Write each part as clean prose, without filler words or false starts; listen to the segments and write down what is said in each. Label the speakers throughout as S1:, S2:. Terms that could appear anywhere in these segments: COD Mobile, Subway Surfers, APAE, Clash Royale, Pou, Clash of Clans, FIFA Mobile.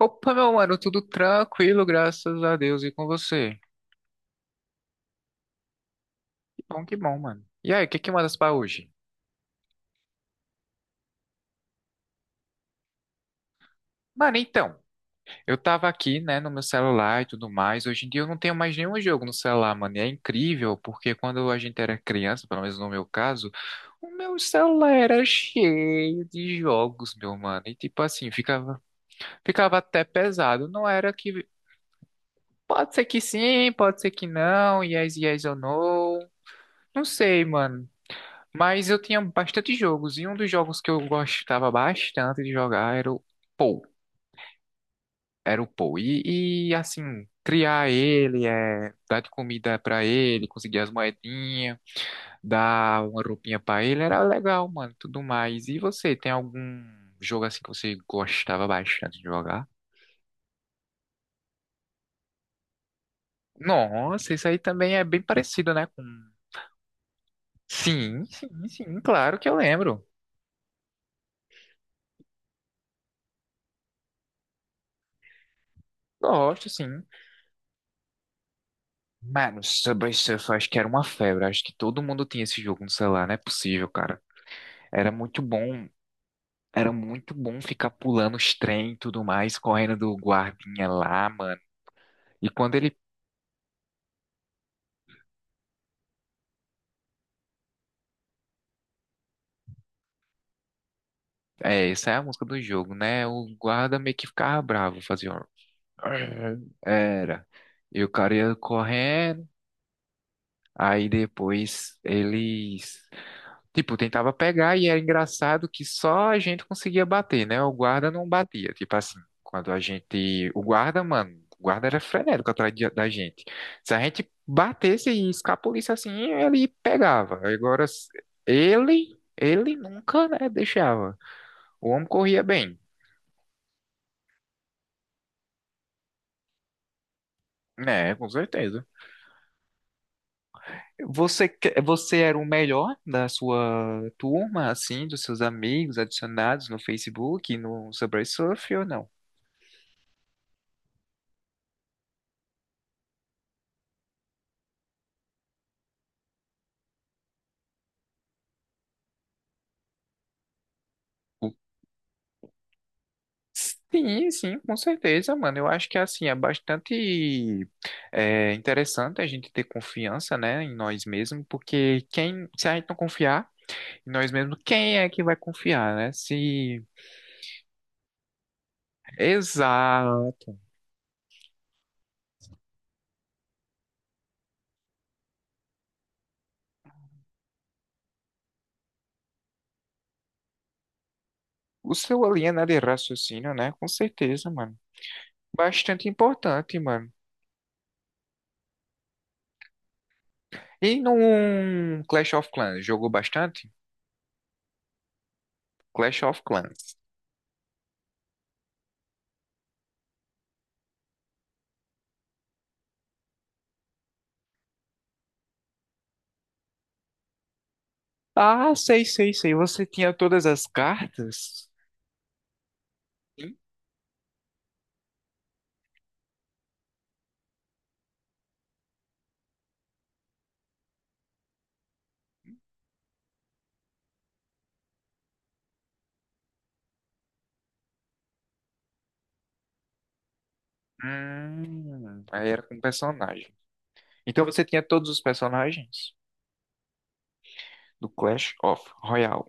S1: Opa, meu mano, tudo tranquilo, graças a Deus, e com você? Que bom, mano. E aí, o que que mandas pra hoje? Mano, então, eu tava aqui, né, no meu celular e tudo mais. Hoje em dia eu não tenho mais nenhum jogo no celular, mano. E é incrível, porque quando a gente era criança, pelo menos no meu caso, o meu celular era cheio de jogos, meu mano. E tipo assim, ficava, ficava até pesado. Não era que. Pode ser que sim, pode ser que não. Yes, yes ou no. Não sei, mano. Mas eu tinha bastante jogos, e um dos jogos que eu gostava bastante de jogar era o Pou. Era o Pou. E, assim, criar ele, é, dar de comida pra ele, conseguir as moedinhas, dar uma roupinha pra ele, era legal, mano, tudo mais. E você, tem algum jogo assim que você gostava bastante de jogar? Nossa, isso aí também é bem parecido, né, com. Sim, sim, sim, claro que eu lembro. Gosto, sim. Mano, Subway Surfers acho que era uma febre. Acho que todo mundo tinha esse jogo no celular, não é possível, cara. Era muito bom, era muito bom ficar pulando os trem e tudo mais, correndo do guardinha lá, mano. E quando ele. É, essa é a música do jogo, né? O guarda meio que ficava bravo, fazia um. Era. E o cara ia correndo, aí depois eles. Tipo, tentava pegar e era engraçado que só a gente conseguia bater, né? O guarda não batia. Tipo assim, quando a gente. O guarda, mano, o guarda era frenético atrás da gente. Se a gente batesse e escapolisse assim, ele pegava. Agora, ele, nunca, né, deixava. O homem corria bem. Né, com certeza. Você era o melhor da sua turma, assim, dos seus amigos adicionados no Facebook, no Subway Surf ou não? Sim, sim, com certeza, mano. Eu acho que assim é bastante interessante a gente ter confiança, né, em nós mesmos, porque quem, se a gente não confiar em nós mesmos, quem é que vai confiar, né? Se exato, o seu linha, né, de raciocínio, né? Com certeza, mano. Bastante importante, mano. E num Clash of Clans, jogou bastante? Clash of Clans. Ah, sei, sei, sei. Você tinha todas as cartas? Aí era com personagem. Então você tinha todos os personagens do Clash of Royale.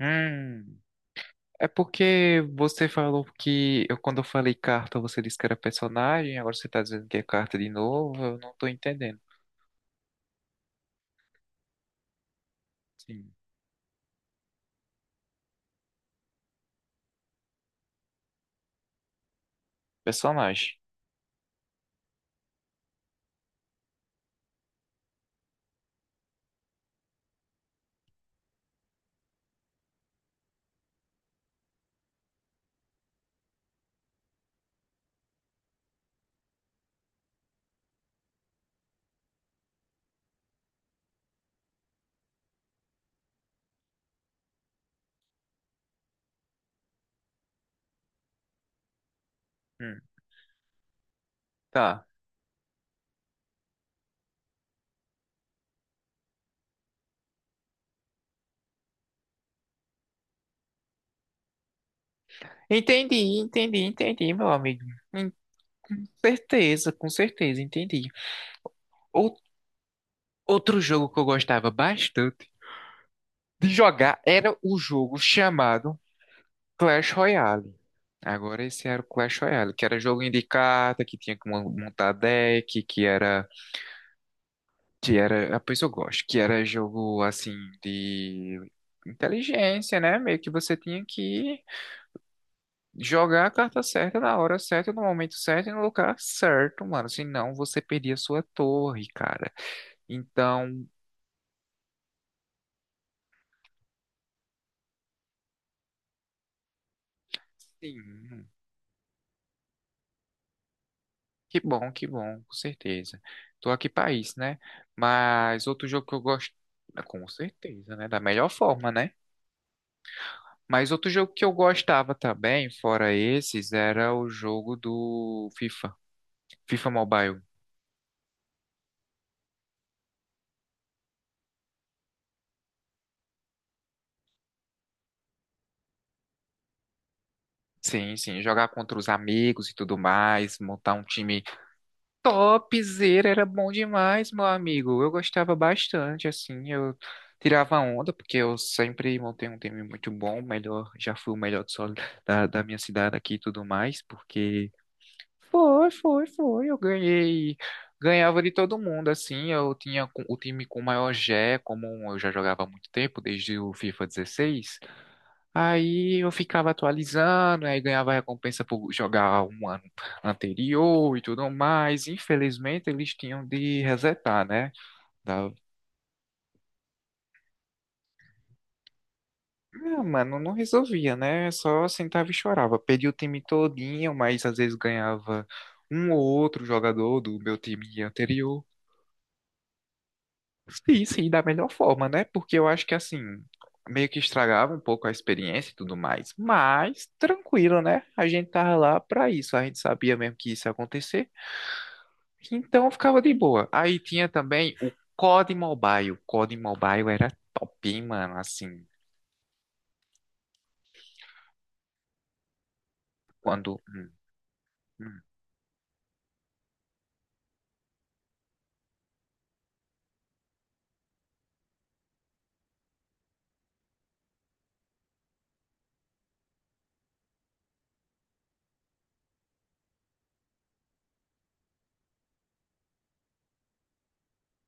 S1: Hum, é porque você falou quando eu falei carta, você disse que era personagem, agora você tá dizendo que é carta de novo, eu não tô entendendo. Sim, personagem. Hum, tá. Entendi, entendi, entendi, meu amigo. Hum, com certeza, entendi. Ou- Outro jogo que eu gostava bastante de jogar era o jogo chamado Clash Royale. Agora esse era o Clash Royale, que era joguinho de carta, que tinha que montar deck, que era, a pessoa gosta, que era jogo assim de inteligência, né? Meio que você tinha que jogar a carta certa na hora certa, no momento certo e no lugar certo, mano. Senão você perdia sua torre, cara. Então, sim. Que bom, com certeza. Tô aqui pra isso, né? Mas outro jogo que eu gosto, com certeza, né? Da melhor forma, né? Mas outro jogo que eu gostava também, fora esses, era o jogo do FIFA, FIFA Mobile. Sim, sim, jogar contra os amigos e tudo mais, montar um time Topzera, era bom demais, meu amigo. Eu gostava bastante, assim, eu tirava onda, porque eu sempre montei um time muito bom, melhor, já fui o melhor do solo da minha cidade aqui e tudo mais, porque foi, foi, foi, eu ganhei, ganhava de todo mundo, assim, eu tinha o time com o maior G, E, como eu já jogava há muito tempo, desde o FIFA 16. Aí eu ficava atualizando, aí ganhava recompensa por jogar um ano anterior e tudo mais. Infelizmente, eles tinham de resetar, né? Dava- Ah, mano, não resolvia, né? Só sentava e chorava. Perdi o time todinho, mas às vezes ganhava um ou outro jogador do meu time anterior. Sim, sim, da melhor forma, né? Porque eu acho que assim, meio que estragava um pouco a experiência e tudo mais. Mas tranquilo, né? A gente tava lá pra isso. A gente sabia mesmo que isso ia acontecer. Então eu ficava de boa. Aí tinha também o COD Mobile. O COD Mobile era top, hein, mano. Assim, quando. Hum,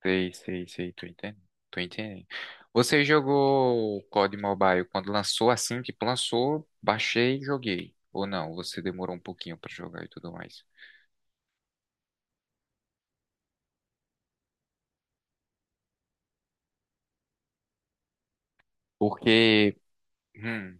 S1: sei, sei, sei, tô entendendo. Tô entendendo. Você jogou o COD Mobile quando lançou assim, tipo, lançou, baixei e joguei. Ou não, você demorou um pouquinho pra jogar e tudo mais. Porque. hum,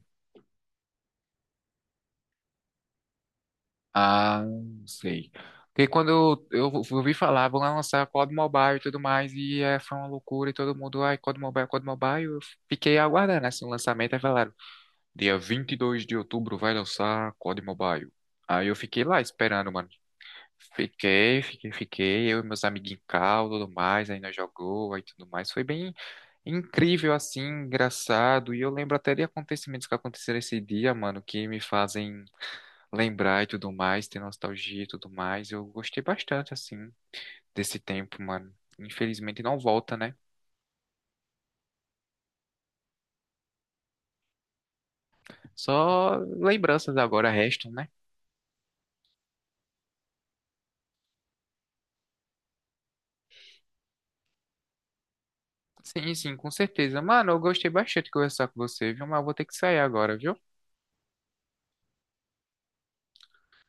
S1: Ah, sei. Porque quando eu ouvi falar, vão lançar COD Mobile e tudo mais, e é, foi uma loucura, e todo mundo, ai, COD Mobile, COD Mobile, eu fiquei aguardando, assim, o lançamento, aí falaram, dia 22 de outubro vai lançar COD Mobile. Aí eu fiquei lá esperando, mano. Fiquei, eu e meus amiguinhos em cal, tudo mais, aí nós jogou, aí tudo mais, foi bem incrível, assim, engraçado, e eu lembro até de acontecimentos que aconteceram esse dia, mano, que me fazem lembrar e tudo mais, ter nostalgia e tudo mais. Eu gostei bastante, assim, desse tempo, mano. Infelizmente não volta, né? Só lembranças agora restam, né? Sim, sim, com certeza. Mano, eu gostei bastante de conversar com você, viu? Mas eu vou ter que sair agora, viu?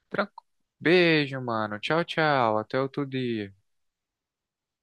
S1: Tranquilo. Beijo, mano. Tchau, tchau. Até outro dia.